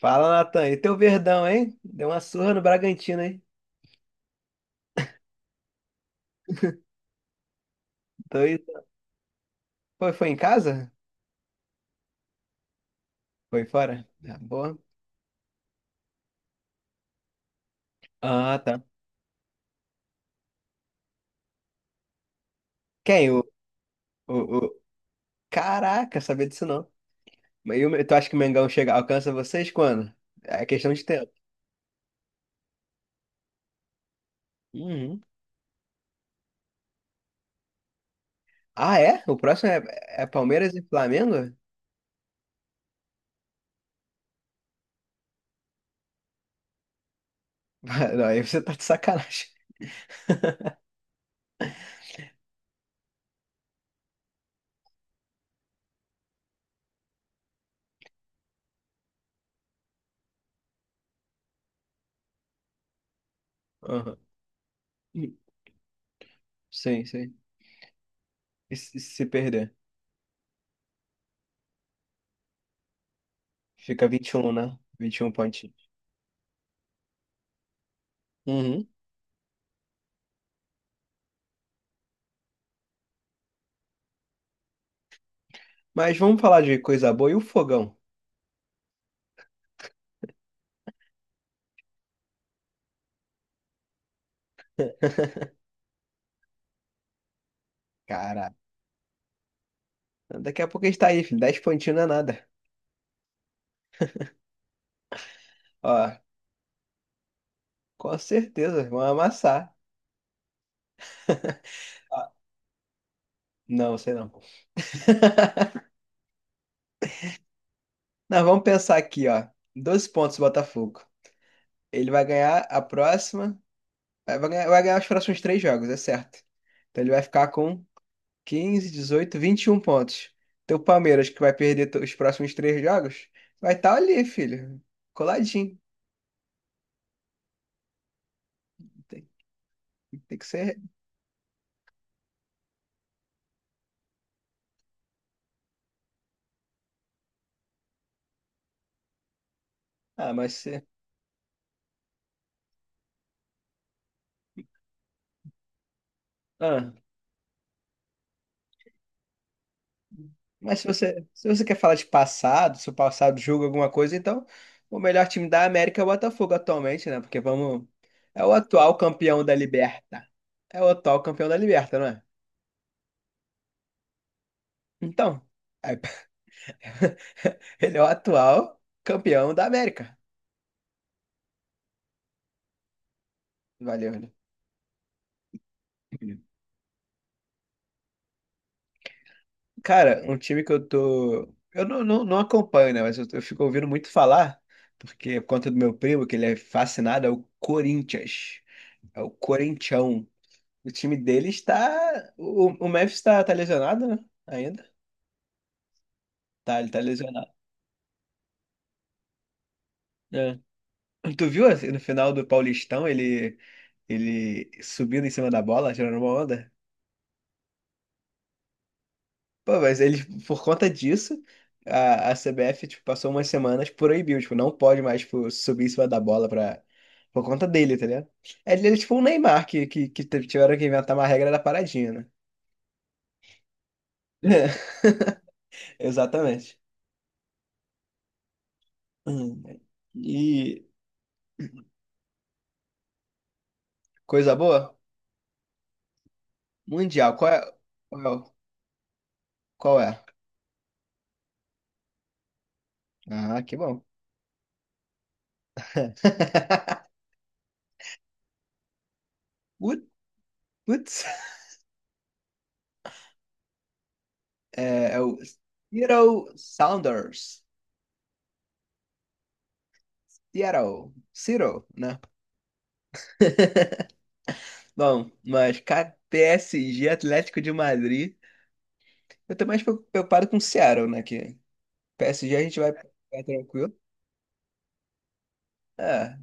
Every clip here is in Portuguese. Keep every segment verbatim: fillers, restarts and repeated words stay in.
Fala, Natan. E teu Verdão, hein? Deu uma surra no Bragantino, hein? Dois... Foi, foi em casa? Foi fora? Tá boa. Ah, tá. Quem? O, o, o... Caraca, sabia disso não. Mas e o- tu acha que o Mengão chega, alcança vocês quando? É questão de tempo. Uhum. Ah, é? O próximo é, é Palmeiras e Flamengo? Não, aí você tá de sacanagem. Aham. Sim, sim. E se se perder? Fica vinte e um, né? vinte e um pontinhos. Uhum. Mas vamos falar de coisa boa e o fogão. Cara. Daqui a pouco a gente tá aí, filho. dez pontinhos não é nada. Ó, com certeza, vão amassar. Ó, não, sei não. Não, vamos pensar aqui, ó. doze pontos o Botafogo. Ele vai ganhar a próxima. Vai vai ganhar, vai ganhar os próximos três jogos, é certo. Então ele vai ficar com quinze, dezoito, vinte e um pontos. Então o Palmeiras, que vai perder to- os próximos três jogos, vai estar ali, filho. Coladinho. Tem, tem que ser. Ah, mas se. Ah. Mas se você, se você quer falar de passado, se o passado julga alguma coisa, então o melhor time da América é o Botafogo atualmente, né? Porque vamos. É o atual campeão da Liberta. É o atual campeão da Liberta, não é? Então, é- ele é o atual campeão da América. Valeu, né? Cara, um time que eu tô. Eu não, não, não acompanho, né? Mas eu, eu fico ouvindo muito falar, porque por conta do meu primo, que ele é fascinado, é o Corinthians. É o Corinthião. O time dele está. O, o Memphis está tá tá lesionado, né? Ainda? Tá, ele tá lesionado. É. Tu viu assim, no final do Paulistão ele, ele subindo em cima da bola, tirando uma onda? Pô, mas ele, por conta disso, a, a C B F tipo, passou umas semanas proibiu, tipo, não pode mais tipo, subir em cima da bola pra, por conta dele, tá ligado? É, ele é tipo um Neymar que, que, que tiveram que inventar uma regra da paradinha, né? Exatamente. Hum. E coisa boa? Mundial, qual é? Qual é? o- Qual é? Ah, que bom. Ut- Putz, é, é o Seattle Sounders. Seattle, Seattle, né? Bom, mas cara, P S G Atlético de Madrid. Eu tô mais preocupado com o Seattle, né? Que P S G a gente vai, vai tranquilo. É,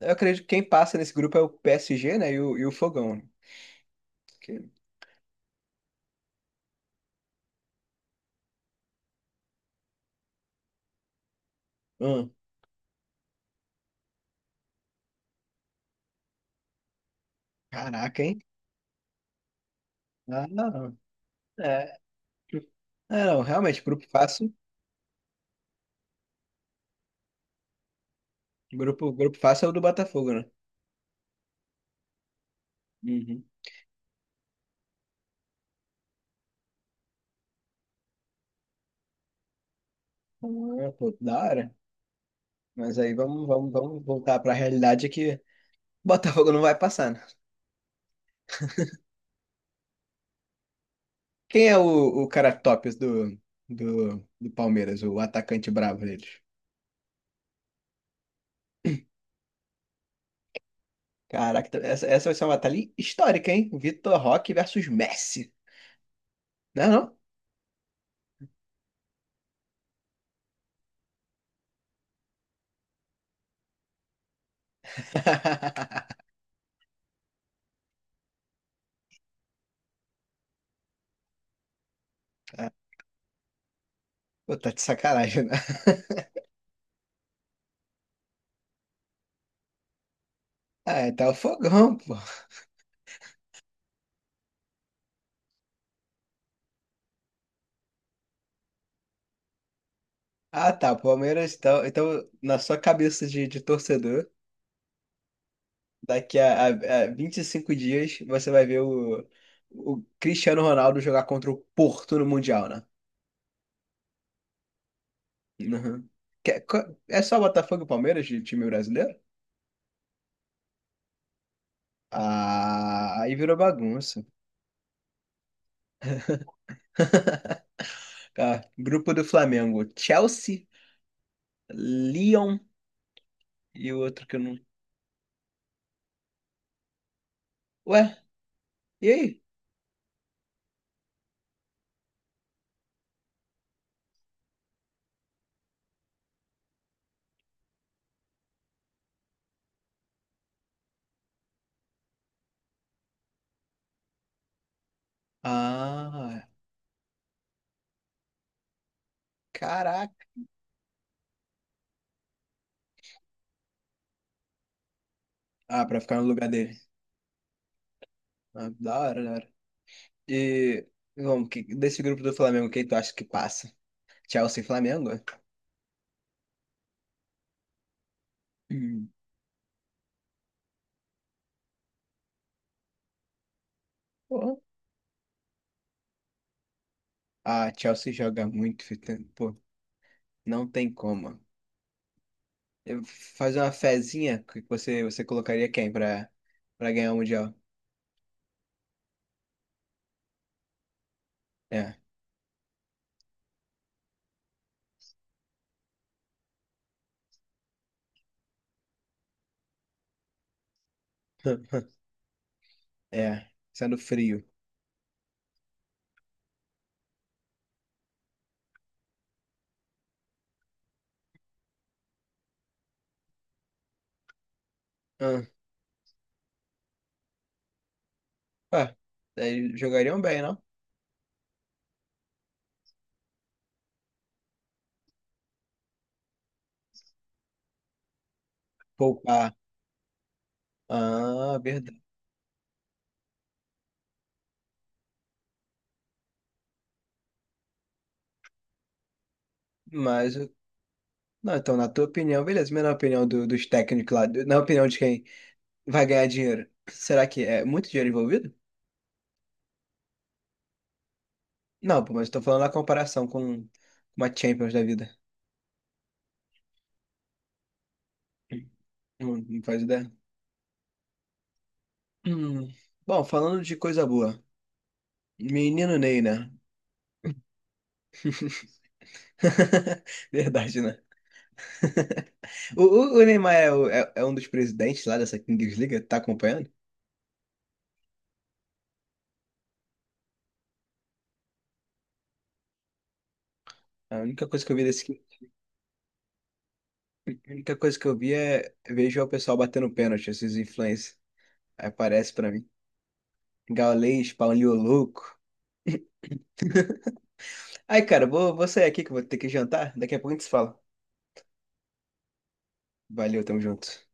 eu acredito que quem passa nesse grupo é o P S G, né? E o, e o Fogão, né? Que, hum, caraca, hein? Ah, não. É. É, não, realmente, grupo fácil. Grupo, grupo fácil é o do Botafogo, né? Uhum. Ah, pô, da hora. Mas aí vamos, vamos, vamos voltar pra realidade que o Botafogo não vai passar, né? Quem é o, o cara tops do, do, do Palmeiras, o atacante bravo deles? Caraca, essa, essa vai ser uma batalha histórica, hein? Vitor Roque versus Messi. Não é não? Pô, tá de sacanagem, né? Ah, tá o fogão, pô. Ah, tá. O Palmeiras, então, então na sua cabeça de, de torcedor. Daqui a, a, a vinte e cinco dias você vai ver o, o Cristiano Ronaldo jogar contra o Porto no Mundial, né? Uhum. Que- co- É só Botafogo e Palmeiras de time brasileiro? Ah, aí virou bagunça. Tá, grupo do Flamengo: Chelsea, Lyon e o outro que eu não. Ué, e aí? Ah, caraca. Ah, pra ficar no lugar dele. Ah, da hora, da hora. E vamos, que- desse grupo do Flamengo, quem tu acha que passa? Chelsea e Flamengo? Hum. Pô, a Chelsea joga muito, Fita. Pô, não tem como. Eu fazer uma fezinha que você, você colocaria quem pra, pra ganhar o Mundial? É. É. Sendo frio. Ah, pá, daí jogariam bem, não? Poupar. Ah, verdade. Mas, não, então, na tua opinião, beleza, mas na opinião do- dos técnicos lá, do- na opinião de quem vai ganhar dinheiro, será que é muito dinheiro envolvido? Não, pô, mas eu tô falando na comparação com uma Champions da vida. Não, não faz ideia. Hum. Bom, falando de coisa boa, menino Ney, né? Verdade, né? O, o- o Neymar é, o- é- é um dos presidentes lá dessa Kings League, tá acompanhando? A única coisa que eu vi desse, a única coisa que eu vi é vejo o pessoal batendo pênalti, esses influencers. Aí aparece pra mim. Gaules, Paulinho Louco. Ai, cara, vou, vou sair aqui que eu vou ter que jantar. Daqui a pouco a gente se fala. Valeu, tamo junto.